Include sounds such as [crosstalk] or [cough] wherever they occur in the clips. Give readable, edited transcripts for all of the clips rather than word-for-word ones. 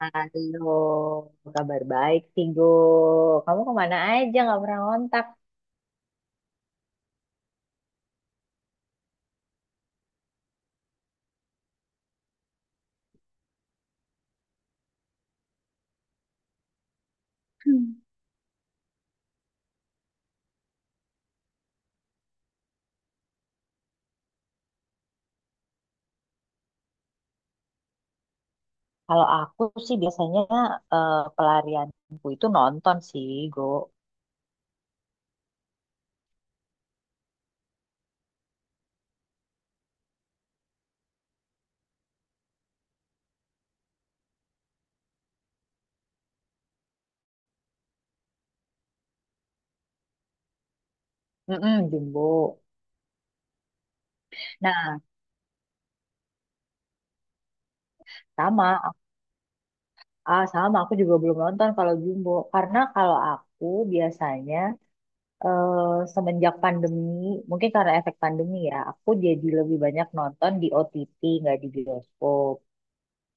Halo, kabar baik, Tigo. Kamu kemana aja nggak pernah ngontak? Kalau aku sih biasanya pelarianku itu nonton sih, Go. Mm-mm, Jumbo. Nah, sama, sama aku juga belum nonton kalau Jumbo. Karena kalau aku biasanya eh, semenjak pandemi, mungkin karena efek pandemi ya, aku jadi lebih banyak nonton di OTT, nggak di bioskop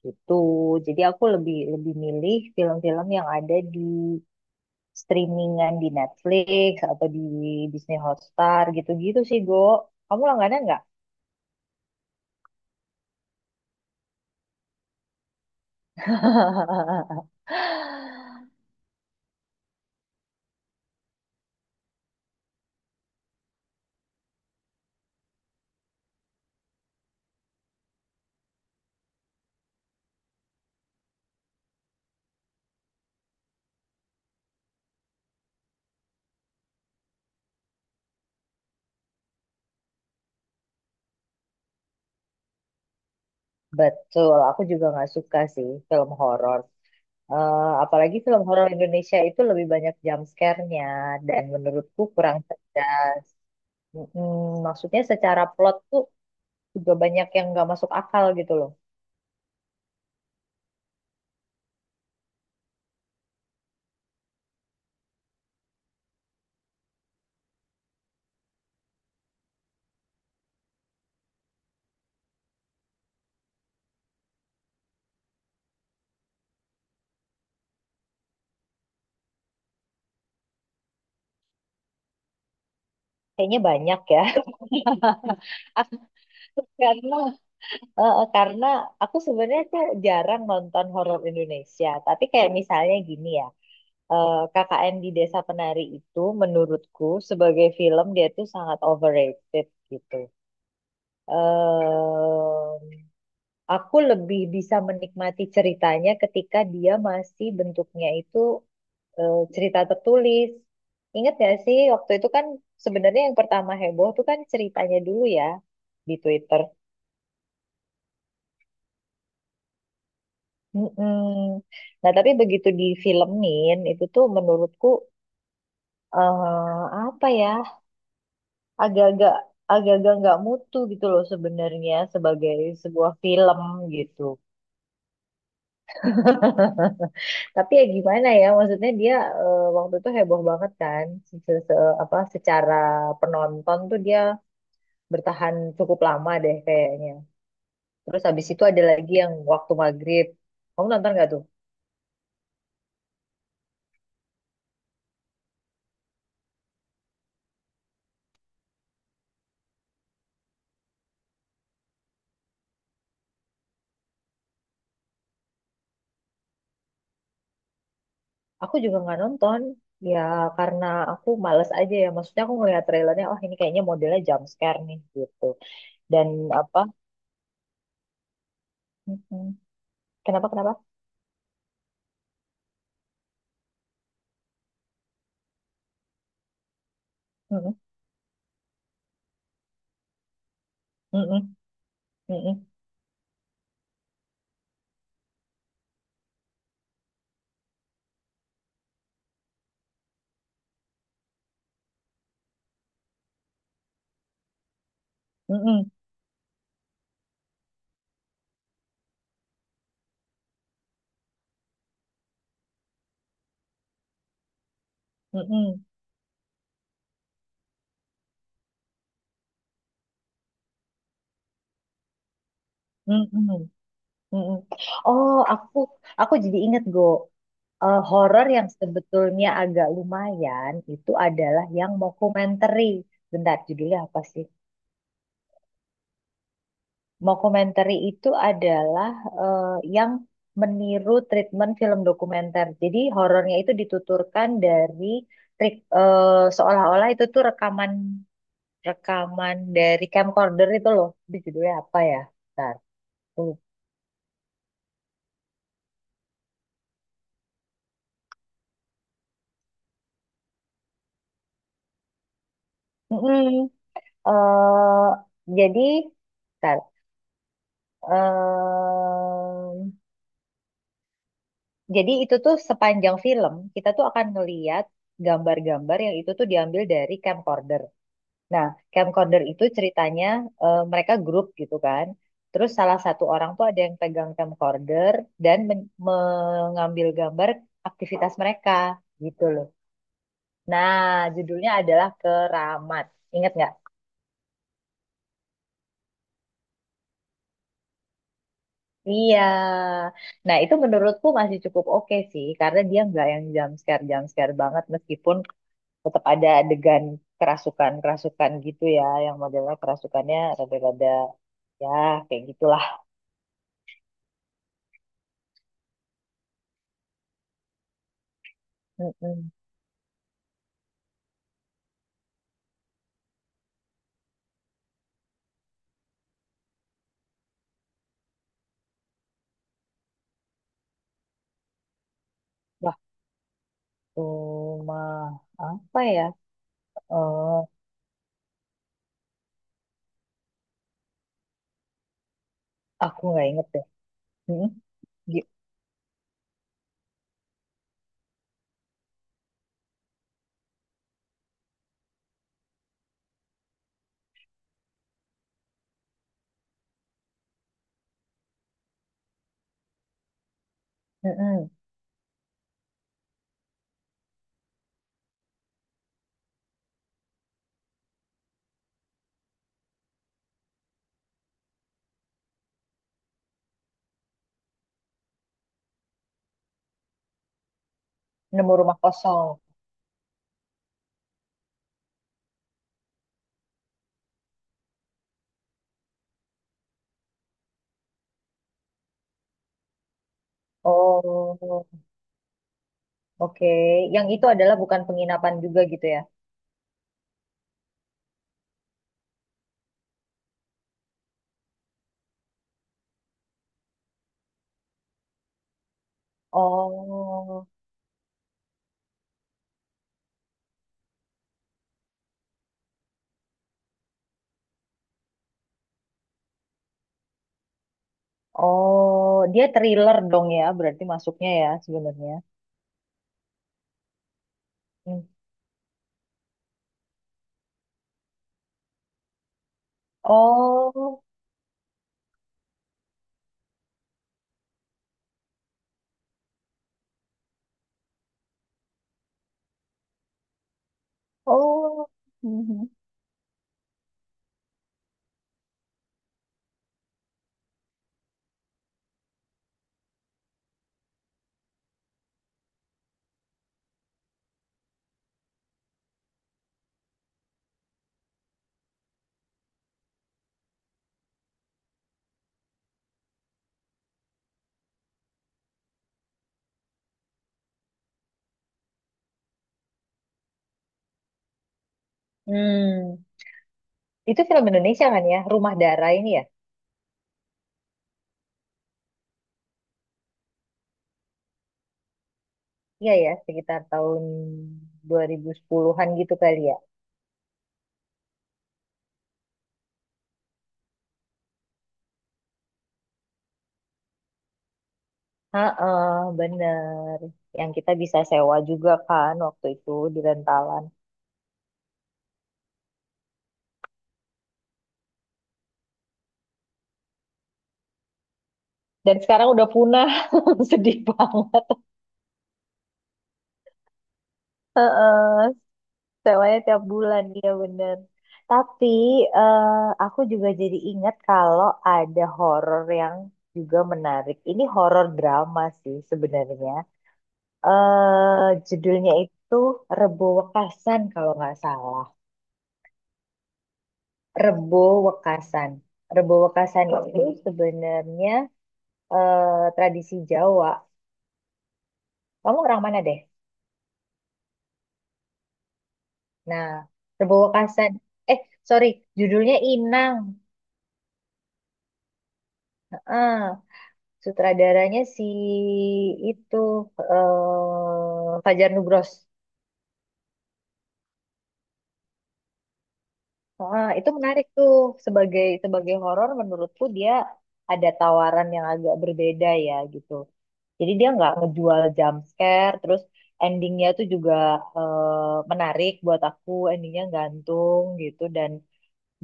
gitu. Jadi aku lebih lebih milih film-film yang ada di streamingan di Netflix atau di Disney Hotstar gitu-gitu sih, Go. Kamu langganan nggak? [laughs] Betul, aku juga nggak suka sih film horor. Apalagi film horor Indonesia itu lebih banyak jump scare-nya dan menurutku kurang cerdas. Mm, maksudnya secara plot tuh juga banyak yang nggak masuk akal gitu loh. Kayaknya banyak ya. [laughs] Karena karena aku sebenarnya tuh jarang nonton horor Indonesia, tapi kayak misalnya gini ya, KKN di Desa Penari itu menurutku sebagai film dia tuh sangat overrated gitu. eh aku lebih bisa menikmati ceritanya ketika dia masih bentuknya itu cerita tertulis. Ingat gak sih waktu itu kan sebenarnya yang pertama heboh tuh kan ceritanya dulu ya di Twitter. Mm-mm. Nah, tapi begitu difilmin itu tuh menurutku apa ya agak-agak agak-agak nggak mutu gitu loh sebenarnya sebagai sebuah film gitu. [laughs] Tapi ya gimana ya maksudnya dia waktu itu heboh banget kan apa secara penonton tuh dia bertahan cukup lama deh kayaknya. Terus habis itu ada lagi yang waktu maghrib. Kamu nonton nggak tuh? Aku juga nggak nonton ya karena aku males aja ya. Maksudnya aku ngeliat trailernya, oh ini kayaknya modelnya jump scare nih gitu. Dan apa? Mm-mm. Kenapa kenapa? Mm-mm, mm-mm, mm-mm, mm-mm, mm-mm, mm-mm, mm-mm. Oh, aku jadi inget, Go. Horor yang sebetulnya agak lumayan itu adalah yang mockumentary. Bentar, judulnya apa sih? Mockumentary itu adalah eh, yang meniru treatment film dokumenter. Jadi horornya itu dituturkan dari seolah-olah itu tuh rekaman rekaman dari camcorder itu loh. Itu judulnya apa ya? Bentar. Aku lupa. Mm-mm. Eh, jadi bentar. Em, jadi itu tuh sepanjang film kita tuh akan ngeliat gambar-gambar yang itu tuh diambil dari camcorder. Nah, camcorder itu ceritanya mereka grup gitu kan. Terus salah satu orang tuh ada yang pegang camcorder dan mengambil gambar aktivitas mereka gitu loh. Nah, judulnya adalah Keramat. Ingat nggak? Iya. Nah, itu menurutku masih cukup oke sih karena dia nggak yang jump scare banget meskipun tetap ada adegan kerasukan-kerasukan gitu ya yang modelnya kerasukannya rada-rada ya kayak gitulah. Mm-mm. Cuma apa ya? Eh, aku nggak inget deh. Hmm? Gi- Mm-mm. Nemu rumah kosong. Oh, oke. Yang itu adalah bukan penginapan juga gitu ya? Oh, oh, dia thriller dong ya, berarti masuknya ya sebenarnya. Hmm. Oh, oh. Mhm. Hmm. Itu film Indonesia kan ya? Rumah Darah ini ya? Iya ya, sekitar tahun 2010-an gitu kali ya. Heeh, bener. Yang kita bisa sewa juga kan waktu itu di rentalan. Dan sekarang udah punah. [laughs] Sedih banget. Heeh, sewanya tiap bulan, iya bener. Tapi eh, aku juga jadi ingat kalau ada horor yang juga menarik. Ini horor drama sih sebenarnya. Judulnya itu Rebo Wekasan kalau nggak salah. Rebo Wekasan. Rebo Wekasan itu sebenarnya tradisi Jawa. Kamu orang mana deh? Nah, Rebo Kasan. Eh, sorry, judulnya Inang. Eh, sutradaranya si itu Fajar Nugros. Ah, itu menarik tuh sebagai sebagai horor. Menurutku dia ada tawaran yang agak berbeda ya gitu. Jadi dia nggak ngejual jump scare, terus endingnya tuh juga menarik buat aku, endingnya gantung gitu dan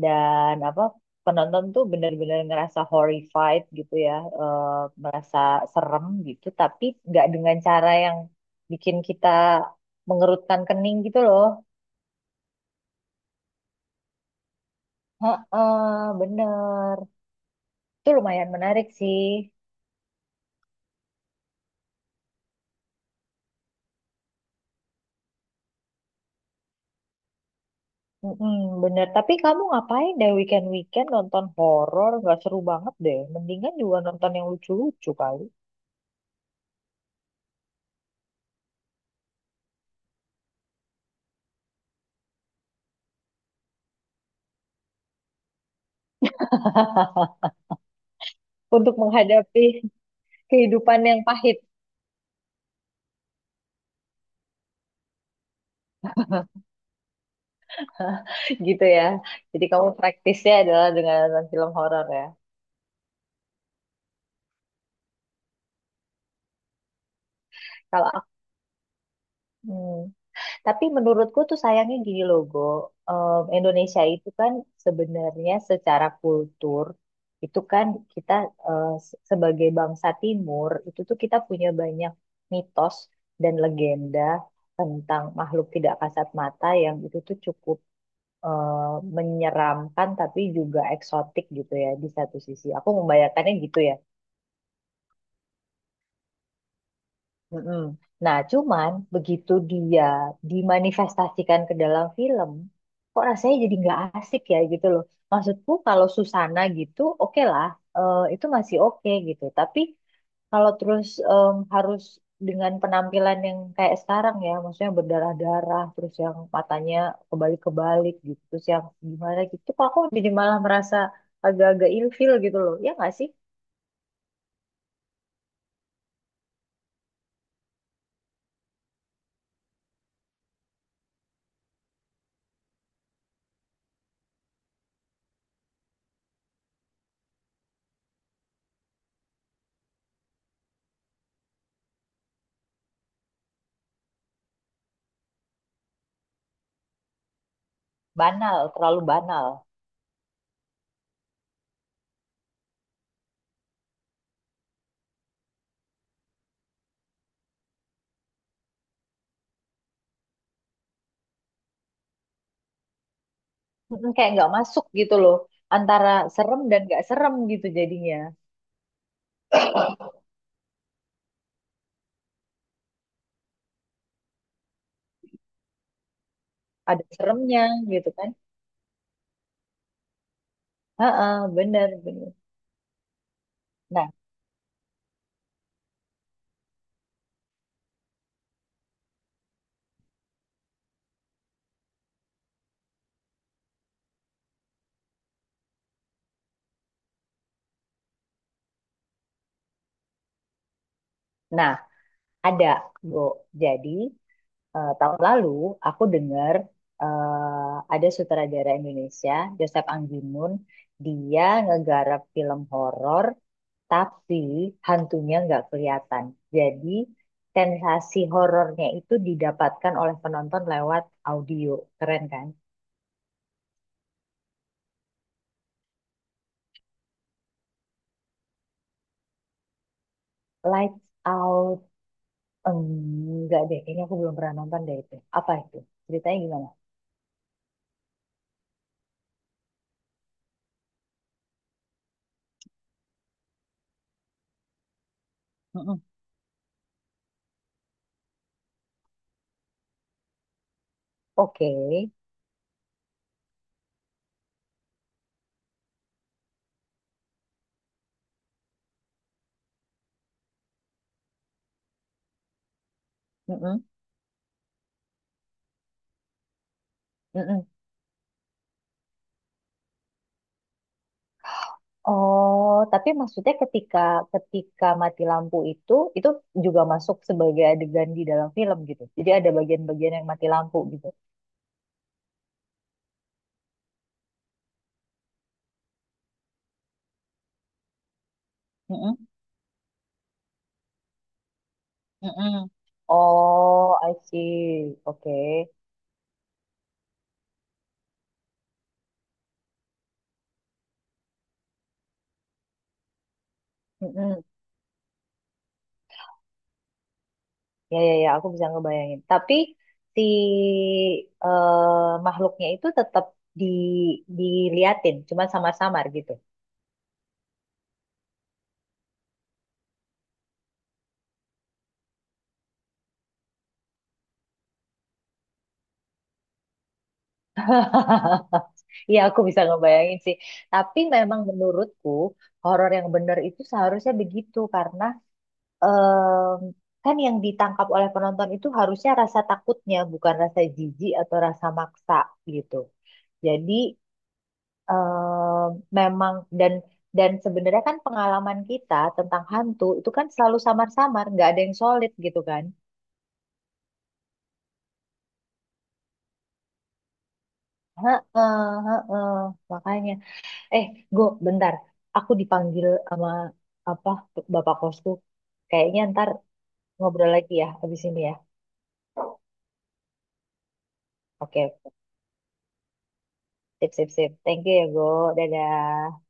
apa penonton tuh bener-bener ngerasa horrified gitu ya eh, merasa serem gitu tapi nggak dengan cara yang bikin kita mengerutkan kening gitu loh. Heeh, bener, itu lumayan menarik sih. Mm-mm, bener, tapi kamu ngapain deh weekend weekend nonton horor? Nggak seru banget deh, mendingan juga nonton yang lucu-lucu kali. [laughs] Untuk menghadapi kehidupan yang pahit. [laughs] Gitu ya. Jadi kamu praktisnya adalah dengan nonton film horor ya. Kalau aku, hmm. Tapi menurutku tuh sayangnya gini loh, Go. Indonesia itu kan sebenarnya secara kultur itu kan kita sebagai bangsa Timur itu tuh kita punya banyak mitos dan legenda tentang makhluk tidak kasat mata yang itu tuh cukup eh, menyeramkan tapi juga eksotik gitu ya di satu sisi. Aku membayangkannya gitu ya. Mm-mm. Nah, cuman begitu dia dimanifestasikan ke dalam film, kok rasanya jadi nggak asik ya gitu loh. Maksudku kalau Susana gitu, oke lah, itu masih oke gitu. Tapi kalau terus harus dengan penampilan yang kayak sekarang ya, maksudnya berdarah-darah, terus yang matanya kebalik-kebalik gitu, terus yang gimana gitu, kok aku jadi malah merasa agak-agak ilfil gitu loh. Ya nggak sih? Banal, terlalu banal. Mm-mm, kayak nggak masuk gitu loh, antara serem dan nggak serem gitu jadinya, ada seremnya gitu kan. Heeh, bener bener. Nah, nah, ada, Go. Jadi tahun lalu aku dengar ada sutradara Indonesia Joseph Anggimun, dia ngegarap film horor tapi hantunya nggak kelihatan. Jadi sensasi horornya itu didapatkan oleh penonton lewat audio. Keren kan? Lights Out. Enggak deh, kayaknya aku belum pernah nonton deh itu. Apa itu? Ceritanya gimana? Mm-mm. Oke. Mm-mm. Mm-mm. Oh, tapi maksudnya ketika ketika mati lampu itu juga masuk sebagai adegan di dalam film gitu. Jadi ada bagian-bagian yang mati lampu gitu. Mm-mm. Mm-mm. Oh, I see. Oke. Mm-mm. Ya, ya, ya, aku bisa ngebayangin. Tapi si makhluknya itu tetap di diliatin, cuma samar-samar gitu. [laughs] Iya, aku bisa ngebayangin sih. Tapi memang menurutku horor yang benar itu seharusnya begitu karena em, kan yang ditangkap oleh penonton itu harusnya rasa takutnya, bukan rasa jijik atau rasa maksa gitu. Jadi em, memang, dan sebenarnya kan pengalaman kita tentang hantu itu kan selalu samar-samar, nggak ada yang solid gitu kan. Heeh, heeh, makanya. Eh, go, bentar. Aku dipanggil sama apa bapak kosku. Kayaknya ntar ngobrol lagi ya abis ini ya. Oke, sip, sip, sip. Thank you ya, Go. Dadah.